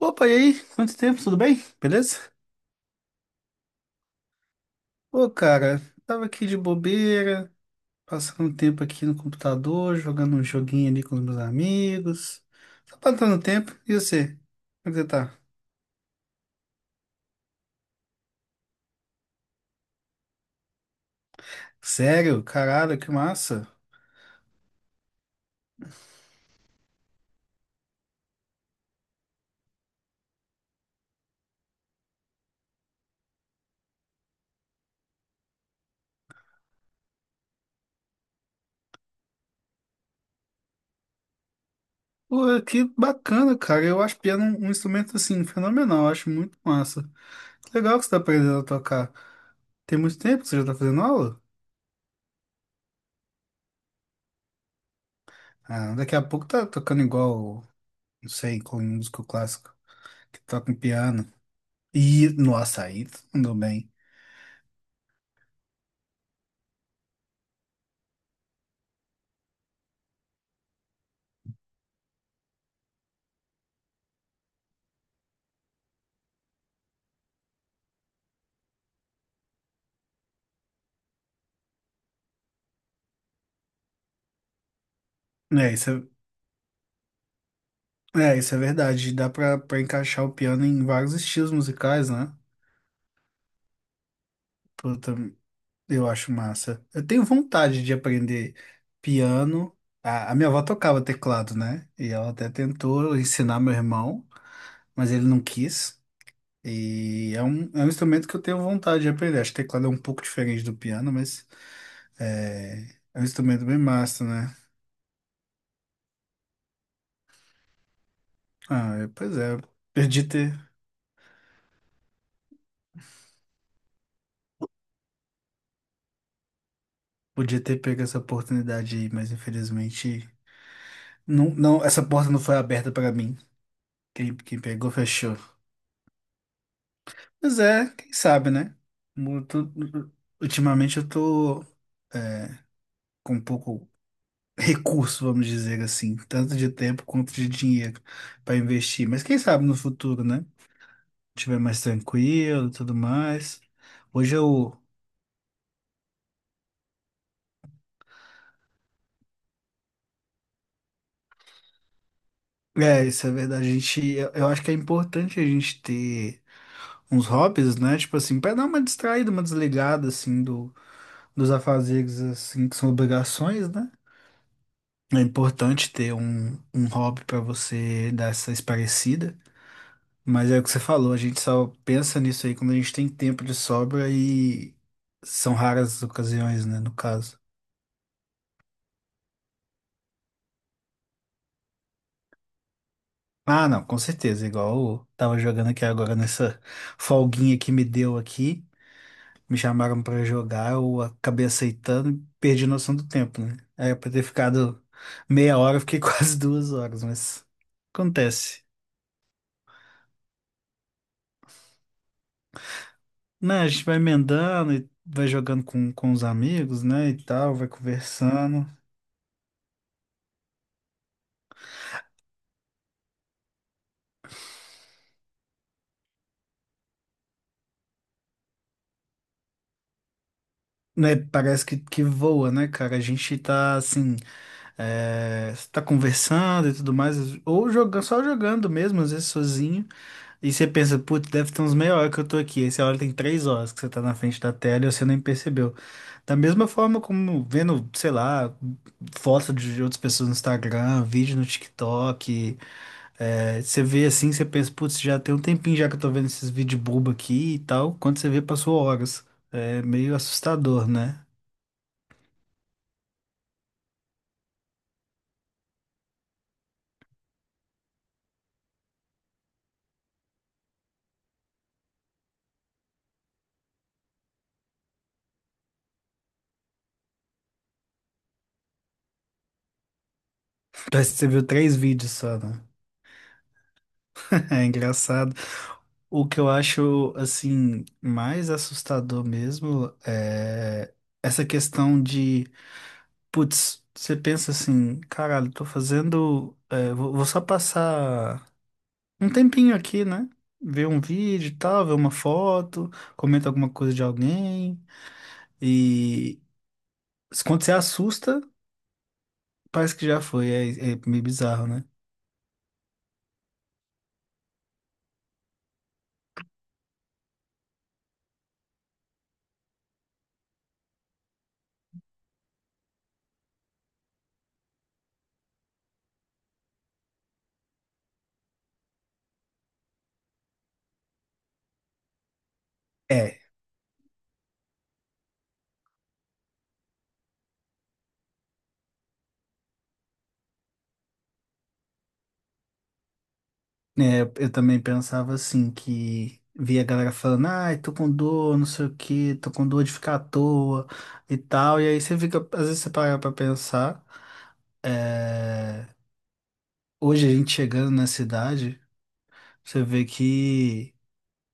Opa, e aí? Quanto tempo? Tudo bem? Beleza? Ô, cara, tava aqui de bobeira, passando um tempo aqui no computador, jogando um joguinho ali com os meus amigos. Só passando tempo. E você? Como é que você tá? Sério? Caralho, que massa. Pô, que bacana, cara. Eu acho piano um instrumento, assim, fenomenal. Eu acho muito massa. Que legal que você tá aprendendo a tocar. Tem muito tempo que você já tá fazendo aula? Ah, daqui a pouco tá tocando igual, não sei, com músico clássico, que toca um piano. E no açaí, mandou bem. É, isso isso é verdade. Dá pra encaixar o piano em vários estilos musicais, né? Puta, eu acho massa. Eu tenho vontade de aprender piano. A minha avó tocava teclado, né? E ela até tentou ensinar meu irmão, mas ele não quis. E é um instrumento que eu tenho vontade de aprender. Acho que teclado é um pouco diferente do piano, mas é um instrumento bem massa, né? Ah, pois é. Perdi ter. Podia ter pego essa oportunidade aí, mas infelizmente. Não, não, essa porta não foi aberta para mim. Quem pegou, fechou. Mas é, quem sabe, né? Mu- tu- Ultimamente eu tô é, com pouco recurso, vamos dizer assim, tanto de tempo quanto de dinheiro para investir. Mas quem sabe no futuro, né? Estiver mais tranquilo e tudo mais. Hoje eu. É, isso é verdade. Eu acho que é importante a gente ter. Uns hobbies, né? Tipo assim, pra dar uma distraída, uma desligada, assim, dos afazeres, assim, que são obrigações, né? É importante ter um hobby pra você dar essa esparecida. Mas é o que você falou, a gente só pensa nisso aí quando a gente tem tempo de sobra e são raras as ocasiões, né? No caso. Ah, não, com certeza. Igual eu tava jogando aqui agora nessa folguinha que me deu aqui. Me chamaram pra jogar, eu acabei aceitando e perdi a noção do tempo, né? Era pra ter ficado meia hora, eu fiquei quase duas horas, mas acontece. Né, a gente vai emendando e vai jogando com os amigos, né, e tal, vai conversando. Né, parece que voa, né, cara? A gente tá assim, tá conversando e tudo mais, ou jogando, só jogando mesmo, às vezes sozinho. E você pensa, putz, deve ter uns meia hora que eu tô aqui. Aí você olha, tem três horas que você tá na frente da tela e você nem percebeu. Da mesma forma como vendo, sei lá, foto de outras pessoas no Instagram, vídeo no TikTok. Você vê assim, você pensa, putz, já tem um tempinho já que eu tô vendo esses vídeos bobo aqui e tal. Quando você vê, passou horas. É meio assustador, né? Parece que você viu três vídeos só, né? É engraçado. O que eu acho, assim, mais assustador mesmo é essa questão de, putz, você pensa assim, caralho, tô fazendo, vou só passar um tempinho aqui, né? Ver um vídeo e tal, ver uma foto, comenta alguma coisa de alguém e quando você assusta, parece que já foi, é meio bizarro, né? é É, eu também pensava assim, que via a galera falando, ai, tô com dor, não sei o quê, tô com dor de ficar à toa e tal. E aí você fica, às vezes você para pra pensar, é, hoje a gente chegando na cidade, você vê que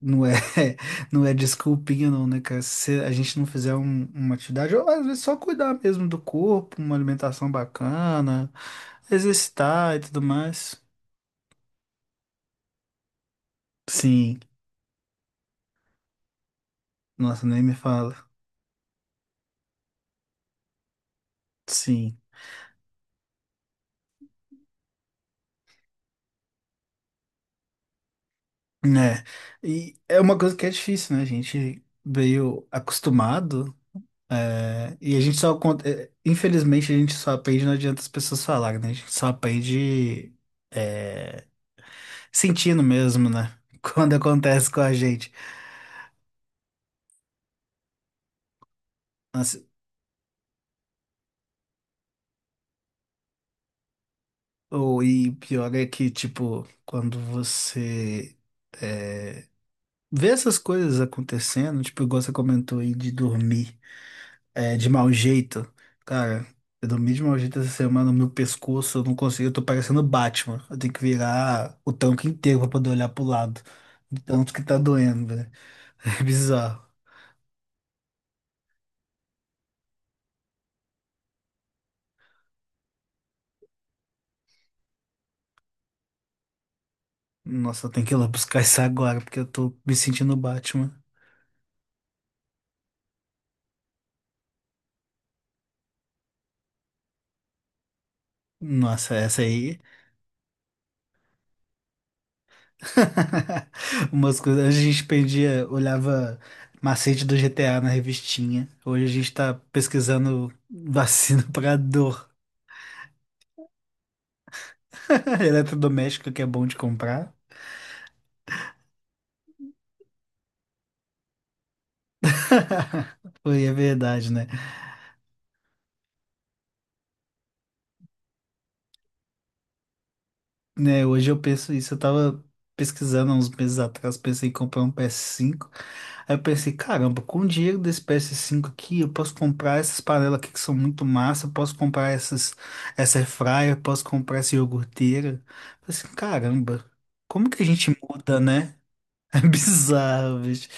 não é, não é desculpinha não, né, cara? Se a gente não fizer uma atividade, ou às vezes só cuidar mesmo do corpo, uma alimentação bacana, exercitar e tudo mais. Sim, nossa, nem me fala. Sim. Né? E é uma coisa que é difícil, né? A gente veio acostumado, e a gente só, infelizmente, a gente só aprende, não adianta as pessoas falarem, né? A gente só aprende, é, sentindo mesmo, né? Quando acontece com a gente. Nossa, ou, e pior é que, tipo, quando você, é, vê essas coisas acontecendo, tipo, igual você comentou aí de dormir. De mau jeito. Cara, eu dormi de mau jeito essa semana, meu pescoço, eu não consigo, eu tô parecendo Batman. Eu tenho que virar o tanque inteiro pra poder olhar pro lado. De tanto que tá doendo, velho. É bizarro. Nossa, eu tenho que ir lá buscar isso agora, porque eu tô me sentindo Batman. Nossa, essa aí. Umas coisas. Antes a gente perdia, olhava macete do GTA na revistinha. Hoje a gente tá pesquisando vacina pra dor eletrodoméstico que é bom de comprar. Foi, é verdade, né? Né, hoje eu penso isso, eu tava pesquisando há uns meses atrás, pensei em comprar um PS5, aí eu pensei, caramba, com o dinheiro desse PS5 aqui, eu posso comprar essas panelas aqui que são muito massa, eu posso comprar essas, essa air fryer, eu posso comprar essa iogurteira. Eu pensei, caramba, como que a gente muda, né? É bizarro, bicho.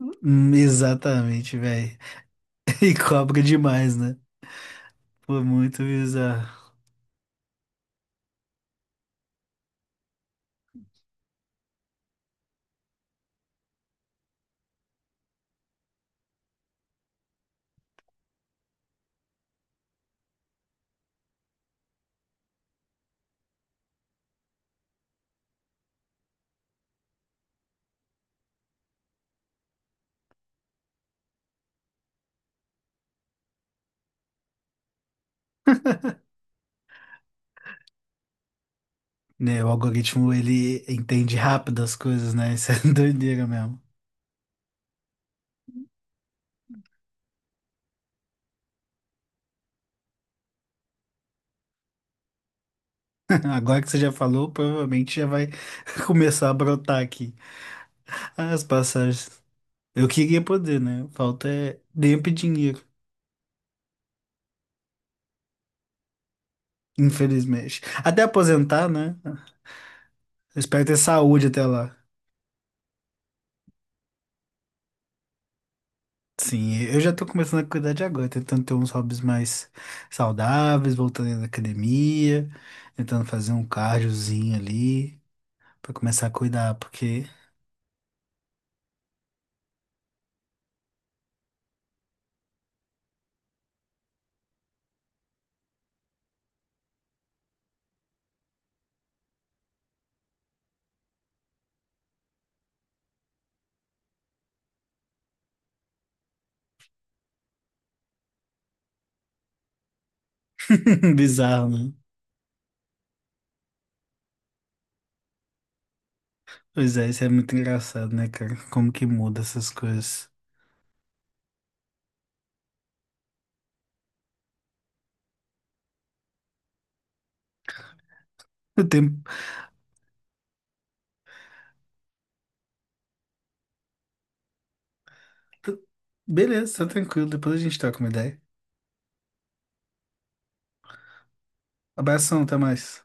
Exatamente, velho. E cobra demais, né? Foi muito bizarro. Né, o algoritmo ele entende rápido as coisas, né? Isso é doideira mesmo. Agora que você já falou, provavelmente já vai começar a brotar aqui as passagens. Eu queria poder, né? Falta é tempo e dinheiro, infelizmente. Até aposentar, né? Eu espero ter saúde até lá. Sim, eu já tô começando a cuidar de agora, tentando ter uns hobbies mais saudáveis, voltando na academia, tentando fazer um cardiozinho ali, pra começar a cuidar, porque bizarro, né. Pois é, isso é muito engraçado, né, cara? Como que muda essas coisas. O tempo. Beleza, tá tranquilo. Depois a gente troca uma ideia. Abração, até mais.